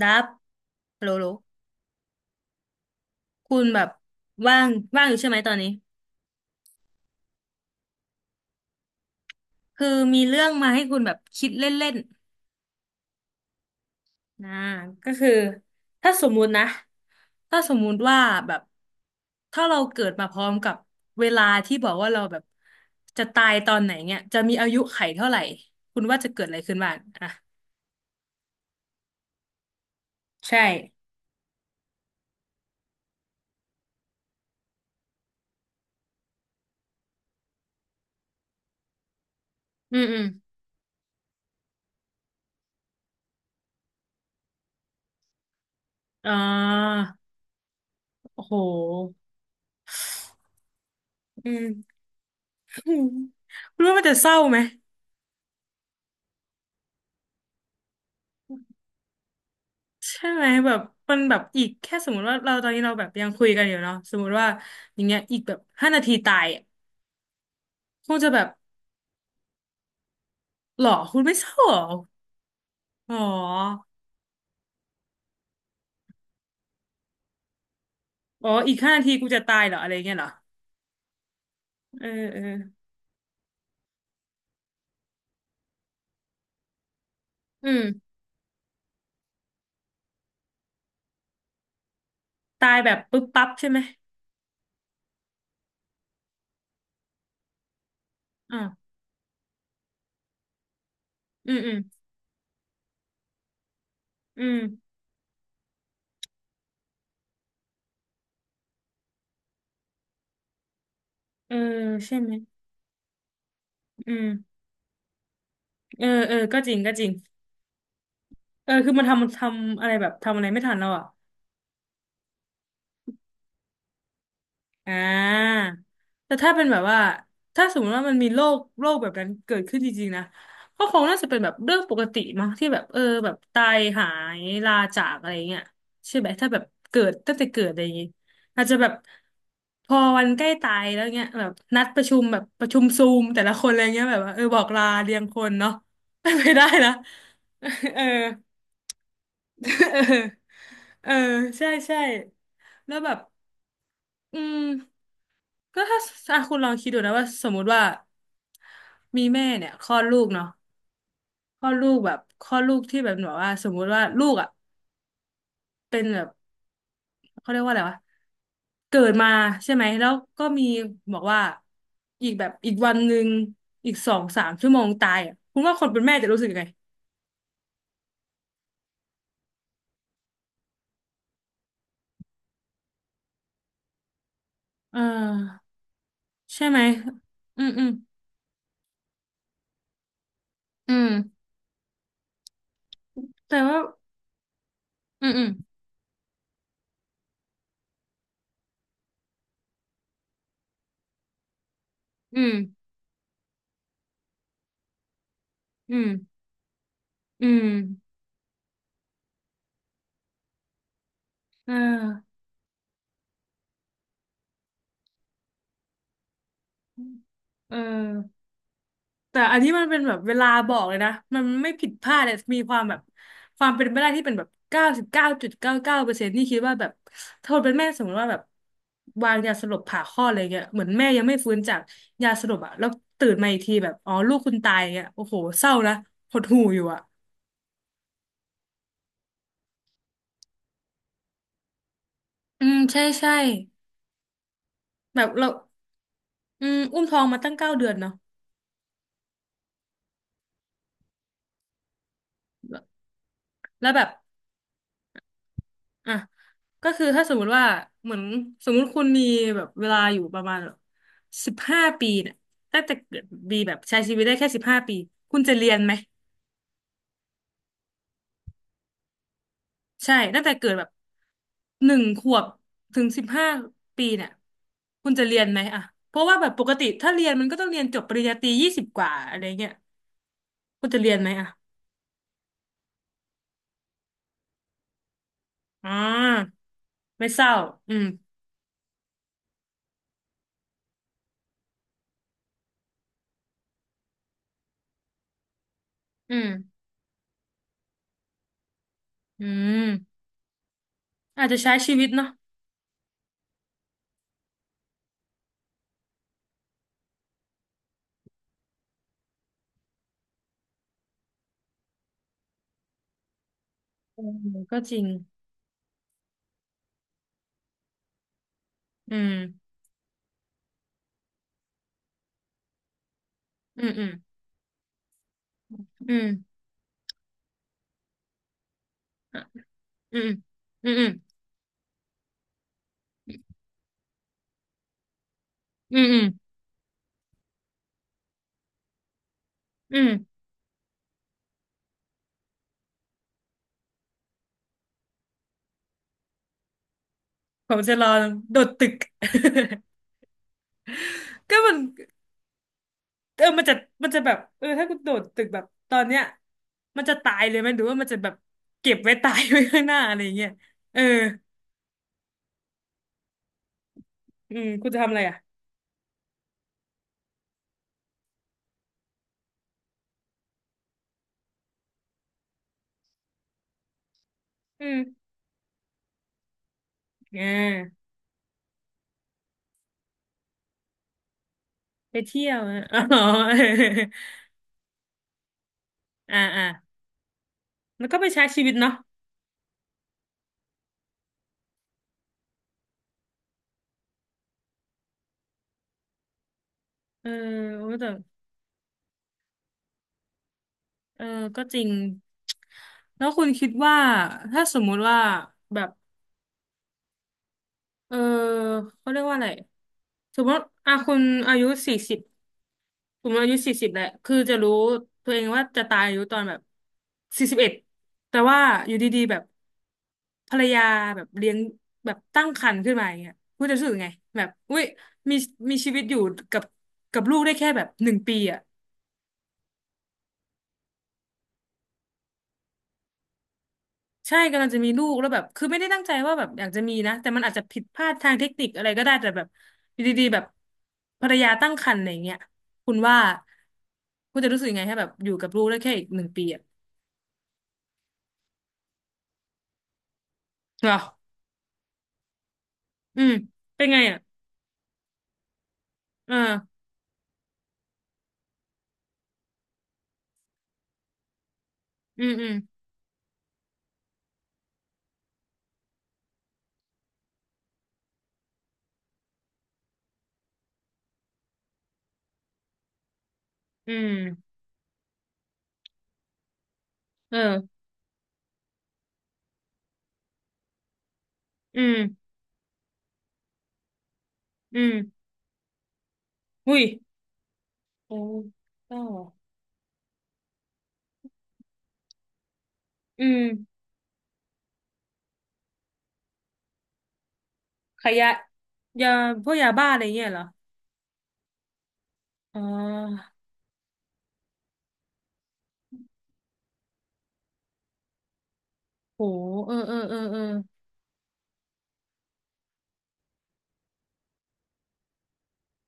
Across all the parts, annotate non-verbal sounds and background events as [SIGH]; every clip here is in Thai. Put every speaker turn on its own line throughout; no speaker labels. ดับโลโลคุณแบบว่างว่างอยู่ใช่ไหมตอนนี้คือมีเรื่องมาให้คุณแบบคิดเล่นๆนะก็คือถ้าสมมุตินะถ้าสมมุติว่าแบบถ้าเราเกิดมาพร้อมกับเวลาที่บอกว่าเราแบบจะตายตอนไหนเนี่ยจะมีอายุไขเท่าไหร่คุณว่าจะเกิดอะไรขึ้นบ้างอ่ะใช่อืมอืมอ่าโอ้โหอืม [LAUGHS] คุณว่ามันจะเศร้าไหม ใช่ไหมแบบมันแบบอีกแค่สมมติว่าเราตอนนี้เราแบบยังคุยกันอยู่เนาะสมมติว่าอย่างเงี้ยอีกแบบห้านาทีตายอะคงจะแบบหรอคุณไม่เศร้าหรออ๋ออ๋ออีกห้านาทีกูจะตายเหรออะไรเงี้ยเหรอเออเอออืมตายแบบปึ๊บปั๊บใช่ไหมอ่าวอืมอืมอืมเออใช่ไหมอืมเออเออก็จริงก็จริงเออคือมันทำอะไรแบบทำอะไรไม่ทันแล้วอ่ะ อ่าแต่ถ้าเป็นแบบว่าถ้าสมมติว่ามันมีโรคแบบนั้นเกิดขึ้นจริงๆนะก็คงน่าจะเป็นแบบเรื่องปกติมั้งที่แบบเออแบบตายหายลาจากอะไรเงี้ยใช่ไหมถ้าแบบเกิดตั้งแต่เกิดอะไรอย่างงี้อาจจะแบบพอวันใกล้ตายแล้วเงี้ยแบบนัดประชุมแบบประชุมซูมแต่ละคนอะไรเงี้ยแบบว่าเออบอกลาเรียงคนเนาะ [LAUGHS] ไปได้นะ [LAUGHS] เออ [LAUGHS] เออเออใช่ใช่แล้วแบบ อืมก็ถ้าคุณลองคิดดูนะว่าสมมุติว่ามีแม่เนี่ยคลอดลูกเนาะคลอดลูกแบบคลอดลูกที่แบบแบบว่าสมมุติว่าลูกอ่ะเป็นแบบเขาเรียกว่าอะไรวะเกิดมาใช่ไหมแล้วก็มีบอกว่าอีกแบบอีกวันหนึ่งอีก2-3 ชั่วโมงตายอ่ะคุณว่าคนเป็นแม่จะรู้สึกยังไงเออใช่ไหมอืมอืมอืมแต่ว่าอืมอืมอืมอืมอืมเออเออ แต่อันนี้มันเป็นแบบเวลาบอกเลยนะมันไม่ผิดพลาดเลยมีความแบบความเป็นไปได้ที่เป็นแบบ99.99%นี่คิดว่าแบบถ้าคนเป็นแม่สมมติว่าแบบวางยาสลบผ่าคลอดอะไรเงี้ยเหมือนแม่ยังไม่ฟื้นจากยาสลบอ่ะแล้วตื่นมาอีกทีแบบอ๋อลูกคุณตายเงี้ยโอ้โหเศร้านะหดหู่อยู่อ่ะอืมใช่ใช่แบบเราอืมอุ้มท้องมาตั้ง9 เดือนเนาะแล้วแล้วแบบ อ่ะก็คือถ้าสมมุติว่าเหมือนสมมุติคุณมีแบบเวลาอยู่ประมาณแบบสิบห้าปีเนี่ยตั้งแต่เกิดบีแบบใช้ชีวิตได้แค่สิบห้าปีคุณจะเรียนไหมใช่ตั้งแต่เกิดแบบ1 ขวบถึงสิบห้าปีเนี่ยคุณจะเรียนไหมอ่ะเพราะว่าแบบปกติถ้าเรียนมันก็ต้องเรียนจบปริญญาตรี20 กว่าอะไรเงี้ยคุณจะเรียนไหมอ่ะอ่าไม่เศร้าอืมอืมอืมอาจจะใช้ชีวิตเนาะอืมก็จริงอืมอืมอืม อืมอ่ะอืมอืมอืมอืมอืมผมจะรอโดดตึก [LAUGHS] ก็มันเออมันจะมันจะแบบเออถ้ากูโดดตึกแบบตอนเนี้ยมันจะตายเลยไหมหรือว่ามันจะแบบเก็บไว้ตายไว้ข้างหน้า [LAUGHS] อะไรอย่างเงี้ยเอออืมกูจะทำอะไรอ่ะอืมอ่าไปเที่ยวอะ [LAUGHS] อ๋อ [LAUGHS] อ่าอ่าแล้วก็ไปใช้ชีวิตเนาะเออโอ้แต่เออก็จริง แล้วคุณคิดว่า ถ้าสมมุติว่าแบบ เออเขาเรียกว่าอะไรสมมติอ่ะคุณอายุสี่สิบผมอายุสี่สิบแหละคือจะรู้ตัวเองว่าจะตายอายุตอนแบบ41แต่ว่าอยู่ดีๆแบบภรรยาแบบเลี้ยงแบบตั้งครรภ์ขึ้นมาอย่างเงี้ยคุณจะรู้สึกไงแบบอุ้ยมีมีชีวิตอยู่กับกับลูกได้แค่แบบหนึ่งปีอ่ะ ใช่กำลังจะมีลูกแล้วแบบคือไม่ได้ตั้งใจว่าแบบอยากจะมีนะแต่มันอาจจะผิดพลาดทางเทคนิคอะไรก็ได้แต่แบบอยู่ดีๆแบบภรรยาตั้งครรภ์อะไรอย่างเงี้ยคุณว่าคุณจะรู้สึกยังไงให้แบบอยู่กับลูกได้แค่อีกหนึ่งปีอ่ะเหรออืมเป็นไงอ่ะเอออืมอืมอืมเอออืมอืมอุ้ยโอ้ก็อืมขยะยาพวกยาบ้าอะไรเงี้ยเหรออ๋อโหเออเออเออเออ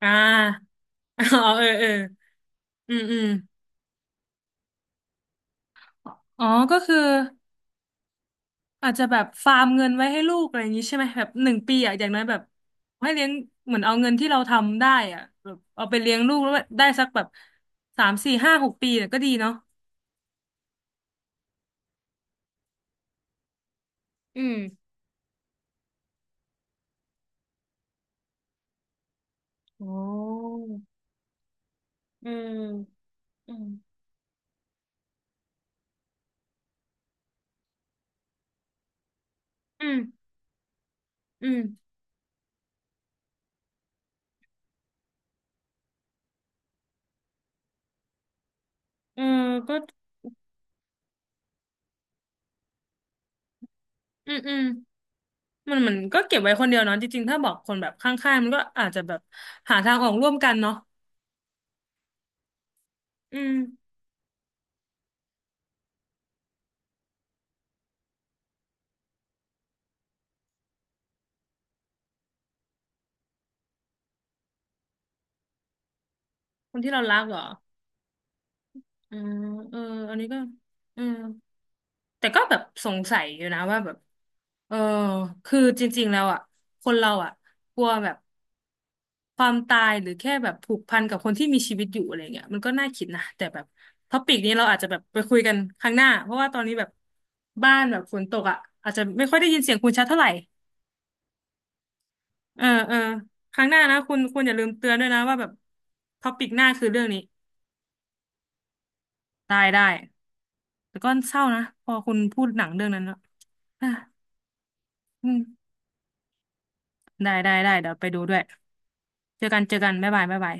อ่า [LAUGHS] อ๋อเออเออ อืมอืมอ๋อก็คืออาจจะแบบฟาร์มเงินไว้ให้ลูกอะไรอย่างนี้ใช่ไหมแบบหนึ่งปีอ่ะอย่างน้อยแบบให้เลี้ยงเหมือนเอาเงินที่เราทำได้อ่ะแบบเอาไปเลี้ยงลูกแล้วได้สักแบบ3-4-5-6 ปีเนี่ยก็ดีเนาะอืมโอ้อืมอืมอืมอืมเออก็อืมอืมมันเหมือนก็เก็บไว้คนเดียวเนาะจริงๆถ้าบอกคนแบบข้างๆมันก็อาจจะแบบหาทางออกร่วมกันเนาะอืมคนที่เรารักเหรออืมเอออันนี้ก็อืม แต่ก็แบบสงสัยอยู่นะว่าแบบเออคือจริงๆแล้วอ่ะคนเราอ่ะกลัวแบบความตายหรือแค่แบบผูกพันกับคนที่มีชีวิตอยู่อะไรเงี้ยมันก็น่าคิดนะแต่แบบท็อปิกนี้เราอาจจะแบบไปคุยกันครั้งหน้าเพราะว่าตอนนี้แบบบ้านแบบฝนตกอ่ะอาจจะไม่ค่อยได้ยินเสียงคุณชัดเท่าไหร่เออเออครั้งหน้านะคุณคุณอย่าลืมเตือนด้วยนะว่าแบบท็อปิกหน้าคือเรื่องนี้ได้ได้แต่ก็เศร้านะพอคุณพูดหนังเรื่องนั้นแล้วอ่ะอืม ได้ได้ได้เดี๋ยวไปดูด้วยเจอกันเจอกันบ๊ายบายบ๊ายบาย